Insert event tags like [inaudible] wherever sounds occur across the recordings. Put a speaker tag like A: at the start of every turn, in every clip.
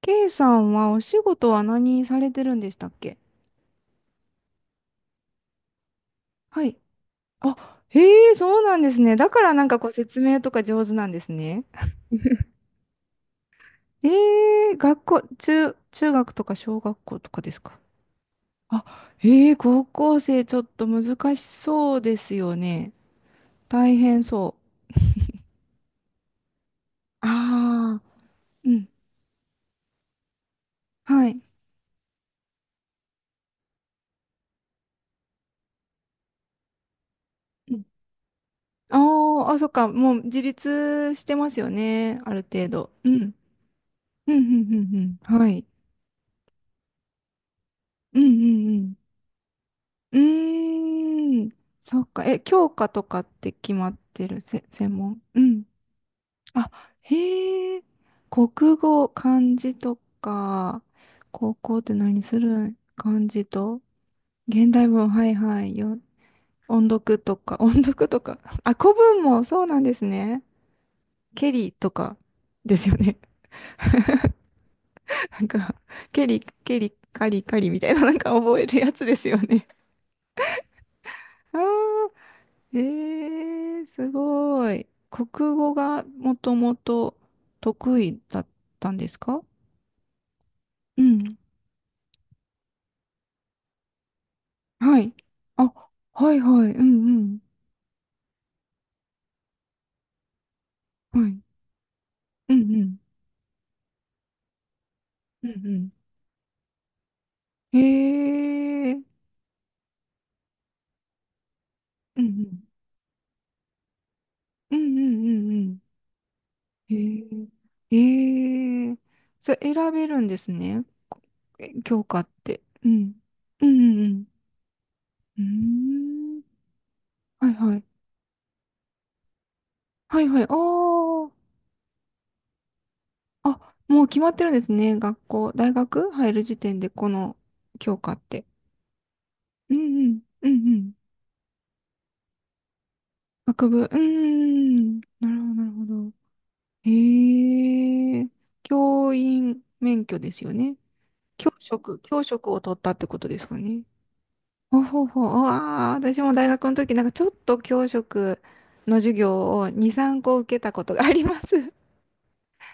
A: K さんはお仕事は何されてるんでしたっけ？はい。あ、へえ、そうなんですね。だからなんかこう説明とか上手なんですね。ええ、学校、中学とか小学校とかですか？あ、ええ、高校生ちょっと難しそうですよね。大変そう。ああ、うん、はい。ああー、あ、そっか、もう自立してますよね。ある程度。うん。うん。はい。うん。うーん、そっか。え、教科とかって決まってる、せ、専門うん。あ、へえ、国語、漢字とか、高校って何するん漢字と、現代文、はい、よ、音読とか、[laughs] 音読とか、あ、古文もそうなんですね。ケリとかですよね。[laughs] なんか、ケリ、ケリ、カリカリみたいな、なんか覚えるやつですよね。あー、えー、すごい。国語がもともと得意だったんですか？うん。はい。あ、はいはい。うんうん。はい。うんうん。うんうん。へえー。うんうん。うんうんうんうん。へえ。へえ。それ選べるんですね。こえ教科って。うん。うんうんうん。うーん。はいはい。はいはい。ああ。あ、もう決まってるんですね。学校、大学入る時点でこの教科って。うん。学部、うーん。なるほど、なるほど。へえ。教員免許ですよね。教職を取ったってことですかね。ほうほうほう。ああ、私も大学の時、なんかちょっと教職の授業を2、3個受けたことがあります。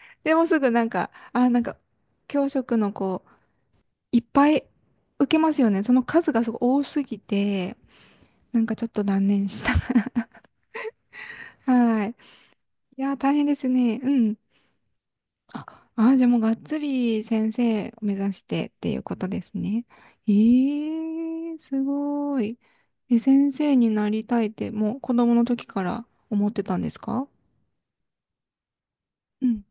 A: [laughs] でもすぐなんか、あーなんか、教職のこいっぱい受けますよね。その数がすごい多すぎて、なんかちょっと断念した。[laughs] はい。いやー、大変ですね。うん。じゃあもうがっつり先生を目指してっていうことですね。えー、すごい。え、先生になりたいって、もう子供の時から思ってたんですか？うん。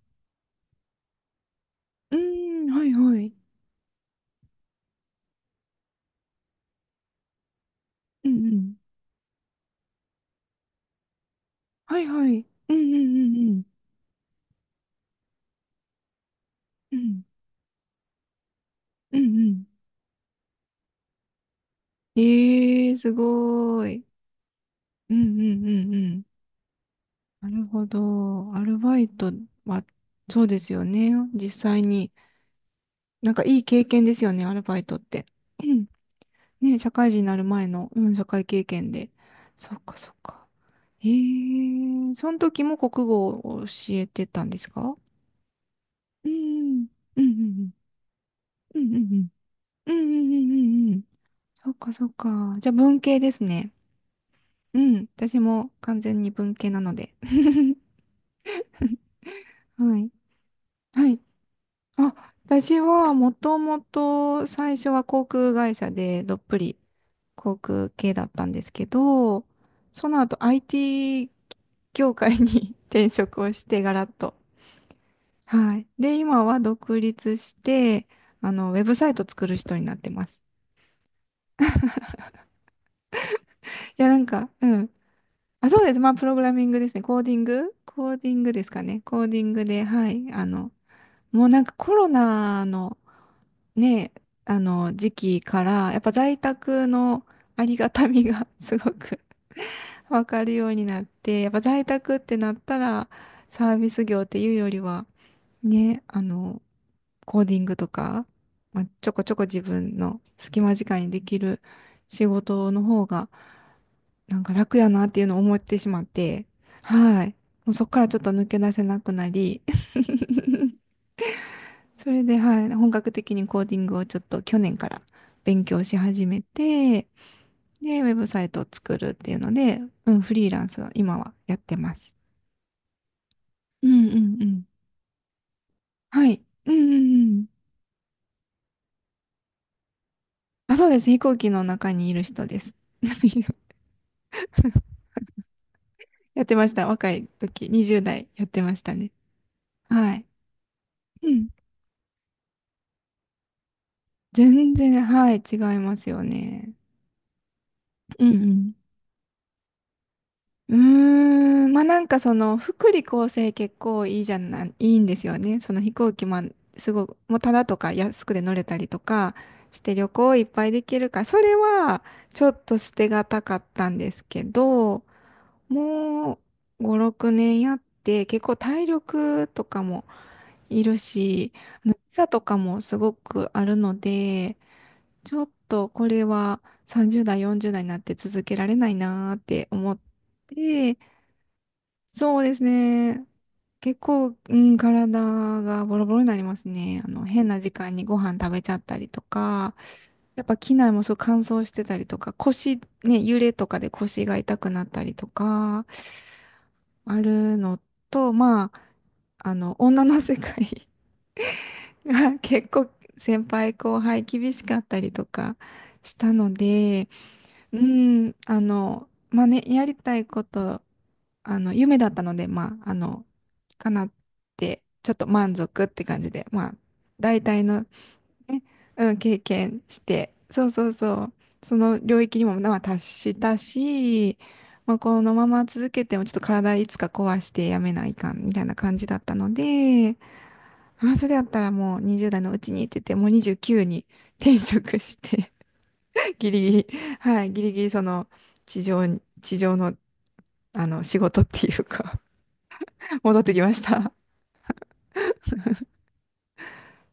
A: うーん、はいはい。うんうん。はいはい。うん。うんうんうん。えー、すごい。うん。なるほど。アルバイトは、そうですよね。実際に。なんかいい経験ですよね、アルバイトって。[clears throat] うん、ね、社会人になる前の、うん、社会経験で。そっか、そっか。ええその時も国語を教えてたんですか？うん、うん、うん、うん、うん、うん、うん、うん、うんうんうん、そっか、そっか。じゃあ文系ですね。うん、私も完全に文系なので。[laughs] はい。はい。あ、私はもともと最初は航空会社でどっぷり航空系だったんですけど、その後 IT 業界に [laughs] 転職をしてガラッと。はい。で、今は独立して、あの、ウェブサイト作る人になってます。いや、なんか、うん。あ、そうです。まあ、プログラミングですね。コーディングですかね。コーディングで、はい。あの、もうなんかコロナのね、あの、時期から、やっぱ在宅のありがたみが [laughs] すごく [laughs] わかるようになって、やっぱ在宅ってなったら、サービス業っていうよりは、ね、あの、コーディングとか、まあ、ちょこちょこ自分の隙間時間にできる仕事の方が、なんか楽やなっていうのを思ってしまって、はい。もうそこからちょっと抜け出せなくなり、[laughs] それで、はい、本格的にコーディングをちょっと去年から勉強し始めて、で、ウェブサイトを作るっていうので、うん、フリーランスを今はやってます。うんうんうん。はい。うんうんうん。あ、そうです。飛行機の中にいる人です。[laughs] やってました。若い時、20代やってましたね。はい。うん。全然、はい、違いますよね。うんうん。うーん、まあなんかその福利厚生結構いいじゃない、いいんですよね。その飛行機もすごく、もうただとか安くで乗れたりとかして旅行いっぱいできるから、それはちょっと捨てがたかったんですけど、もう5、6年やって結構体力とかもいるし、あのビザとかもすごくあるので、ちょっとこれは30代、40代になって続けられないなーって思って、そうですね。結構、うん、体がボロボロになりますね。あの、変な時間にご飯食べちゃったりとか、やっぱ機内もそう乾燥してたりとか、腰、ね、揺れとかで腰が痛くなったりとか、あるのと、まあ、あの、女の世界 [laughs] が結構先輩後輩厳しかったりとかしたので、うん、あの、まあね、やりたいこと、あの、夢だったので、まあ、あの、かなって、ちょっと満足って感じで、まあ、大体のね、うん、経験して、その領域にも、まあ、達したし、まあ、このまま続けても、ちょっと体いつか壊してやめないかん、みたいな感じだったので、まあ、それやったらもう20代のうちにって言って、もう29に転職してギリギリ、はい、ギリギリその地上の、あの仕事っていうか [laughs] 戻ってきました。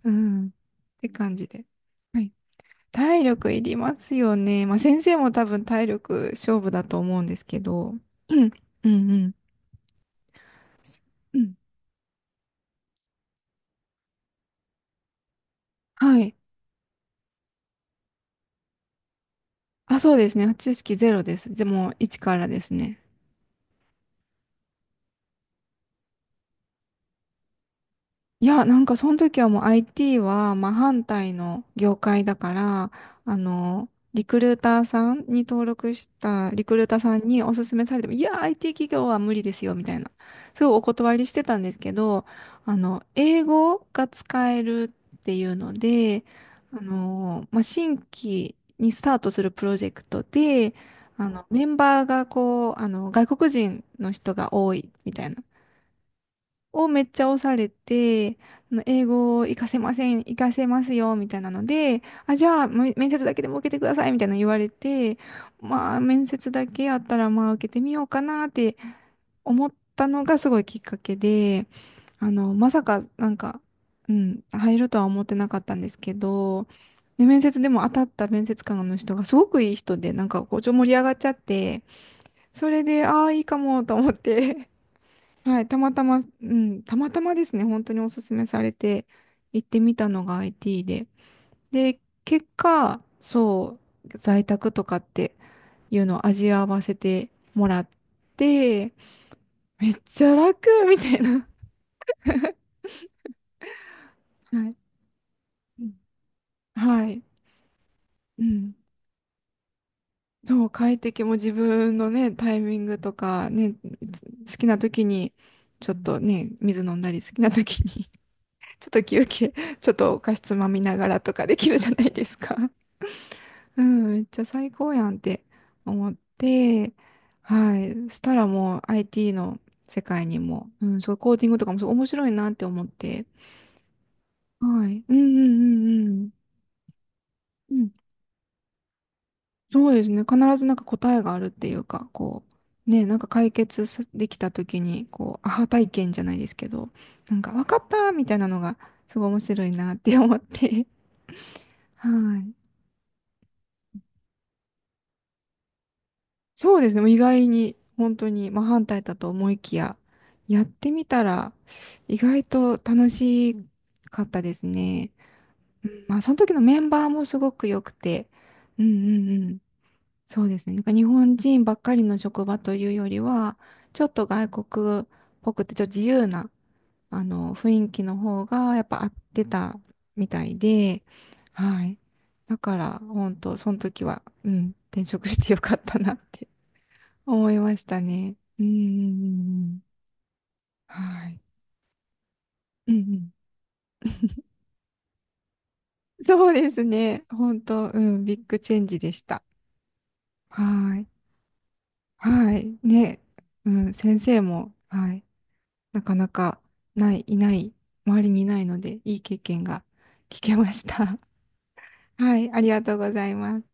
A: うん。って感じで。はい。体力いりますよね。まあ先生も多分体力勝負だと思うんですけど。うん、うん、うん。うん、はい。あ、そうですね。知識ゼロです。でも、1からですね。いや、なんかその時はもう IT は真反対の業界だから、あの、リクルーターさんにお勧めされても、いや、IT 企業は無理ですよ、みたいな。すごいお断りしてたんですけど、あの、英語が使えるっていうので、あの、まあ、新規にスタートするプロジェクトで、あの、メンバーがこう、あの、外国人の人が多いみたいな。をめっちゃ押されて、あの英語を活かせません、活かせますよ、みたいなので、あ、じゃあ、め面接だけでも受けてください、みたいなの言われて、まあ、面接だけやったら、まあ、受けてみようかなって思ったのがすごいきっかけで、あの、まさか、なんか、うん、入るとは思ってなかったんですけど、で、面接でも当たった面接官の人がすごくいい人で、なんかこう、ちょ、盛り上がっちゃって、それで、ああ、いいかもと思ってはい、たまたま、うん、たまたまですね、本当におすすめされて行ってみたのが IT で。で、結果、そう、在宅とかっていうのを味わわせてもらって、めっちゃ楽みたいな。はい。うん、はい。うん。そう、快適も自分のね、タイミングとか、ね、つ好きな時に、ちょっとね、水飲んだり、好きな時に、[laughs] ちょっと休憩、ちょっとお菓子つまみながらとかできるじゃないですか。うん、めっちゃ最高やんって思って、はい。そしたらもう IT の世界にも、うん、そう、コーディングとかもすごい面白いなって思って、はい。うん。うん。そうですね。必ずなんか答えがあるっていうか、こう、ね、なんか解決さできた時に、こう、アハ体験じゃないですけど、なんか分かったみたいなのが、すごい面白いなって思って、[laughs] はい。そうですね。もう意外に、本当に、まあ、反対だと思いきや、やってみたら、意外と楽しかったですね。うん、まあ、その時のメンバーもすごく良くて、うんうんうん。そうですね。なんか日本人ばっかりの職場というよりは、ちょっと外国っぽくて、ちょっと自由な、あの、雰囲気の方が、やっぱ合ってたみたいで、はい。だから、本当その時は、うん、転職してよかったなって。思いましたね。うん。はい。うんうん。そうですね。本当、うん、ビッグチェンジでした。はい。はい。ね。うん、先生も、はい。なかなか、ない、いない、周りにいないので、いい経験が聞けました。[laughs] はい。ありがとうございます。